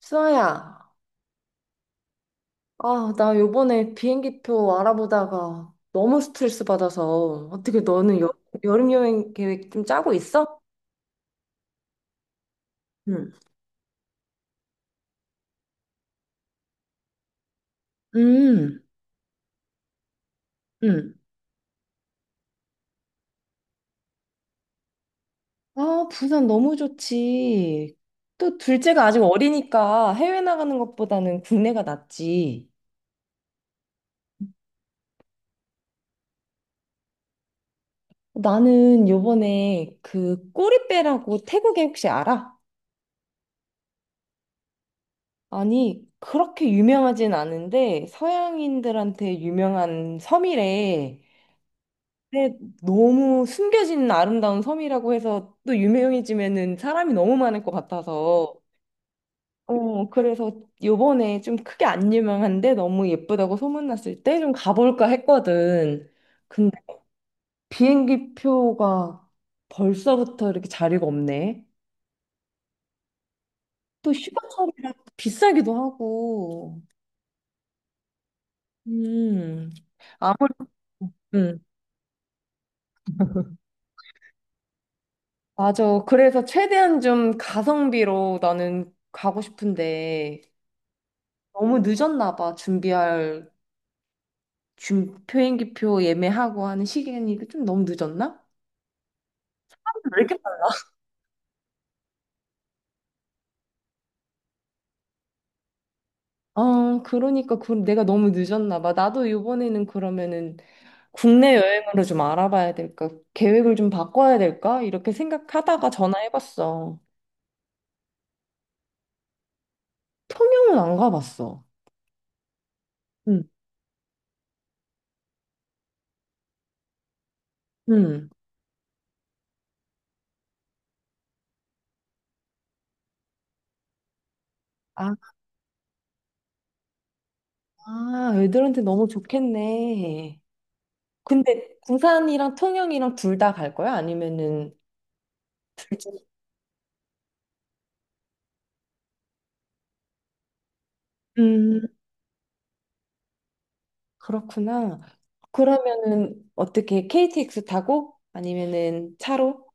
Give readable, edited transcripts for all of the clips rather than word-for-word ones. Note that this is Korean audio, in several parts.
수아야, 아, 나 요번에 비행기표 알아보다가 너무 스트레스 받아서 어떻게 너는 여름 여행 계획 좀 짜고 있어? 응, 음, 음. 아, 부산 너무 좋지. 또 둘째가 아직 어리니까 해외 나가는 것보다는 국내가 낫지. 나는 요번에 그 꼬리빼라고 태국에 혹시 알아? 아니, 그렇게 유명하진 않은데 서양인들한테 유명한 섬이래. 근데 너무 숨겨진 아름다운 섬이라고 해서 또 유명해지면은 사람이 너무 많을 것 같아서 어 그래서 요번에 좀 크게 안 유명한데 너무 예쁘다고 소문났을 때 좀 가볼까 했거든. 근데 비행기 표가 벌써부터 이렇게 자리가 없네. 또 휴가철이라 비싸기도 하고. 음. 아무래도 음. 맞아. 그래서 최대한 좀 가성비로 나는 가고 싶은데 너무 늦었나 봐. 준비할 준 비행기표 예매하고 하는 시간이 좀 너무 늦었나? 왜 이렇게 빨라? 어, 그러니까 내가 너무 늦었나 봐. 나도 이번에는 그러면은 국내 여행으로 좀 알아봐야 될까? 계획을 좀 바꿔야 될까? 이렇게 생각하다가 전화해봤어. 통영은 안 가봤어. 응, 응. 아, 아, 애들한테 너무 좋겠네. 근데 부산이랑 통영이랑 둘 다 갈 거야? 아니면은 둘 중? 그렇구나. 그러면은 어떻게 KTX 타고 아니면은 차로?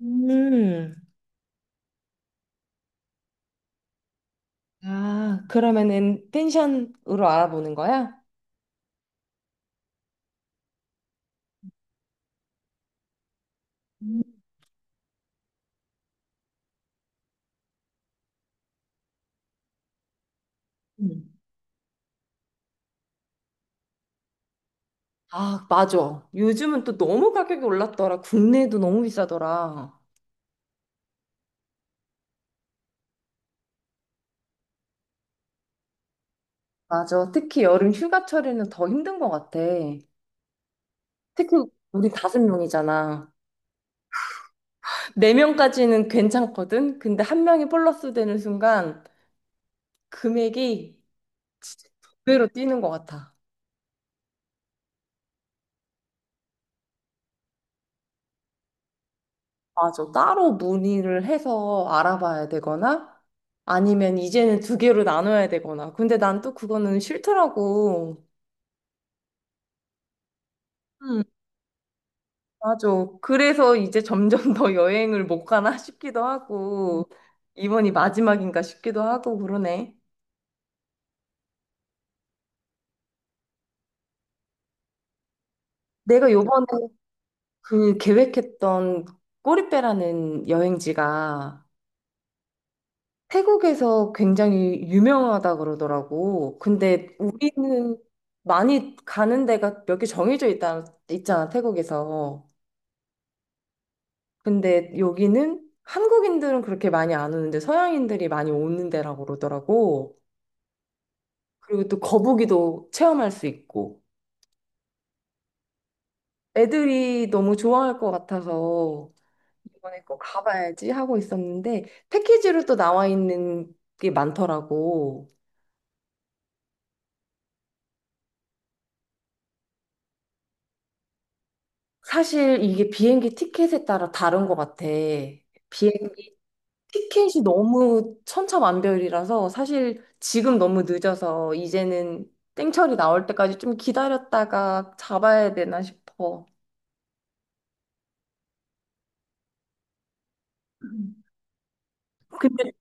음. 아, 그러면은 펜션으로 알아보는 거야? 음. 아, 맞아. 요즘은 또 너무 가격이 올랐더라. 국내도 너무 비싸더라. 맞아. 특히 여름 휴가철에는 더 힘든 것 같아. 특히 우리 다섯 명이잖아. 네 명까지는 괜찮거든. 근데 한 명이 플러스 되는 순간 금액이 두 배로 뛰는 것 같아. 맞아. 따로 문의를 해서 알아봐야 되거나 아니면 이제는 두 개로 나눠야 되거나. 근데 난 또 그거는 싫더라고. 음. 맞아. 그래서 이제 점점 더 여행을 못 가나 싶기도 하고 이번이 마지막인가 싶기도 하고 그러네. 내가 요번에 그 계획했던 꼬리빼라는 여행지가 태국에서 굉장히 유명하다 그러더라고. 근데 우리는 많이 가는 데가 몇 개 정해져 있다, 있잖아, 태국에서. 근데 여기는 한국인들은 그렇게 많이 안 오는데 서양인들이 많이 오는 데라고 그러더라고. 그리고 또 거북이도 체험할 수 있고. 애들이 너무 좋아할 것 같아서 이번에 꼭 가봐야지 하고 있었는데 패키지로 또 나와 있는 게 많더라고. 사실 이게 비행기 티켓에 따라 다른 것 같아. 비행기 티켓이 너무 천차만별이라서 사실 지금 너무 늦어서 이제는 땡처리 나올 때까지 좀 기다렸다가 잡아야 되나 싶어. 음. 근데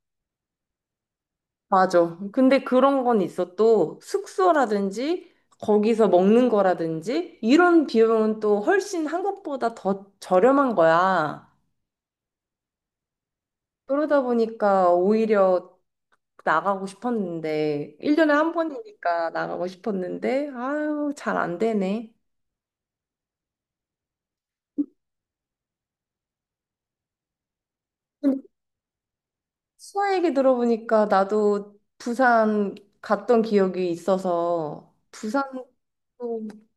맞아. 근데 그런 건 있어. 또 숙소라든지 거기서 먹는 거라든지 이런 비용은 또 훨씬 한국보다 더 저렴한 거야. 그러다 보니까 오히려 나가고 싶었는데, 1년에 한 번이니까 나가고 싶었는데, 아유, 잘 안 되네. 근데 수아 얘기 들어보니까 나도 부산 갔던 기억이 있어서, 부산도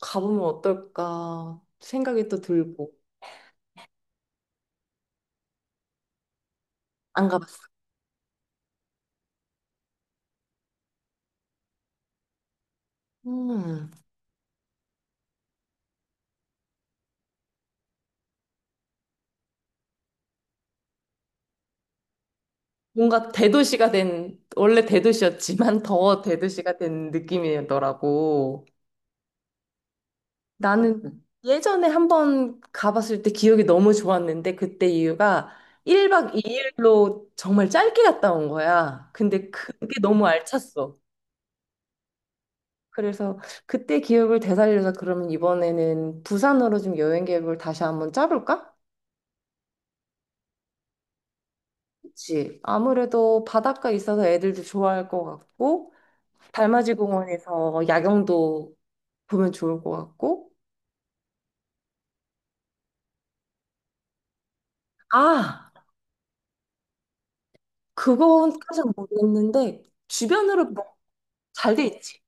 가보면 어떨까 생각이 또 들고, 안 가봤어. 음, 뭔가 대도시가 된, 원래 대도시였지만 더 대도시가 된 느낌이더라고. 나는 예전에 한번 가봤을 때 기억이 너무 좋았는데 그때 이유가 1박 2일로 정말 짧게 갔다 온 거야. 근데 그게 너무 알찼어. 그래서 그때 기억을 되살려서 그러면 이번에는 부산으로 좀 여행 계획을 다시 한번 짜볼까? 그치. 아무래도 바닷가 있어서 애들도 좋아할 것 같고, 달맞이 공원에서 야경도 보면 좋을 것 같고, 아, 그거까진 모르겠는데, 주변으로 뭐 잘돼 있지?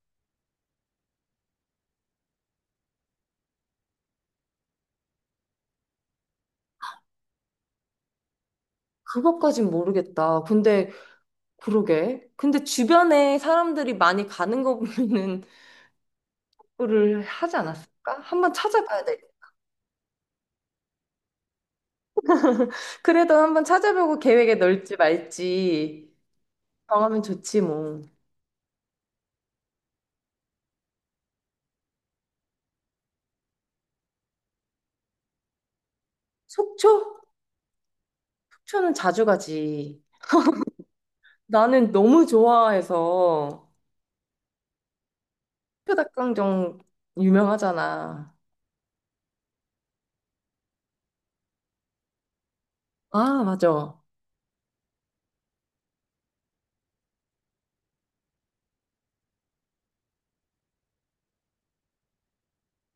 그것까진 모르겠다. 근데 그러게. 근데 주변에 사람들이 많이 가는 거 보면은 그거를 하지 않았을까? 한번 찾아봐야 돼. 그래도 한번 찾아보고 계획에 넣을지 말지 정하면 좋지 뭐. 속초? 속초는 자주 가지. 나는 너무 좋아해서 속초 닭강정 유명하잖아. 아, 맞아.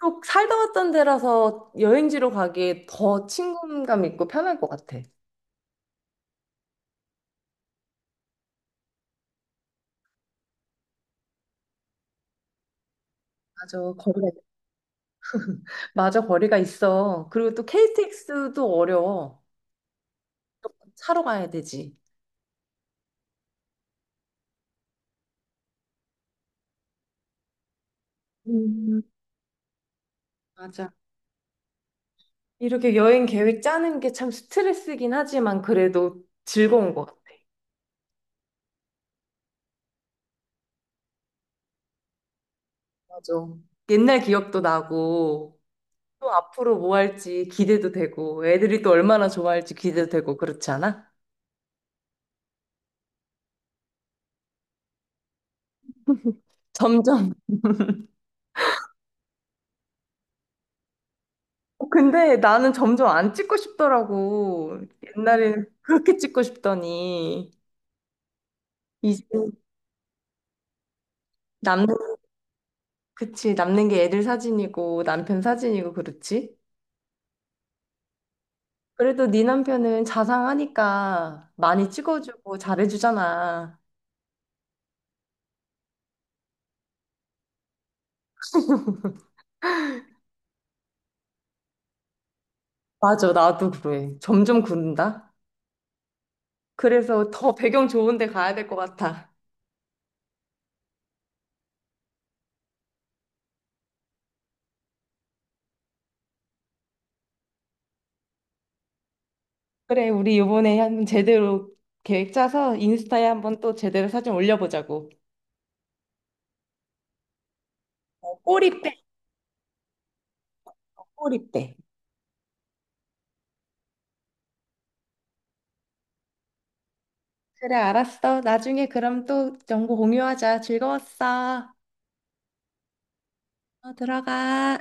또 살다 왔던 데라서 여행지로 가기에 더 친근감 있고 편할 것 같아. 맞아. 거기가 맞아, 거리가 있어. 그리고 또 KTX도 어려워. 차로 가야 되지. 음. 맞아. 이렇게 여행 계획 짜는 게 참 스트레스긴 하지만 그래도 즐거운 것 같아. 맞아. 옛날 기억도 나고, 또 앞으로 뭐 할지 기대도 되고, 애들이 또 얼마나 좋아할지 기대도 되고, 그렇지 않아? 점점. 근데 나는 점점 안 찍고 싶더라고. 옛날에는 그렇게 찍고 싶더니, 이제 그치, 남는 게 애들 사진이고 남편 사진이고 그렇지? 그래도 네 남편은 자상하니까 많이 찍어주고 잘해주잖아. 맞아, 나도 그래. 점점 그런다. 그래서 더 배경 좋은 데 가야 될 것 같아. 그래, 우리 이번에 한번 제대로 계획 짜서 인스타에 한번 또 제대로 사진 올려보자고. 어, 꼬리빼. 그래, 알았어. 나중에 그럼 또 정보 공유하자. 즐거웠어. 어, 들어가.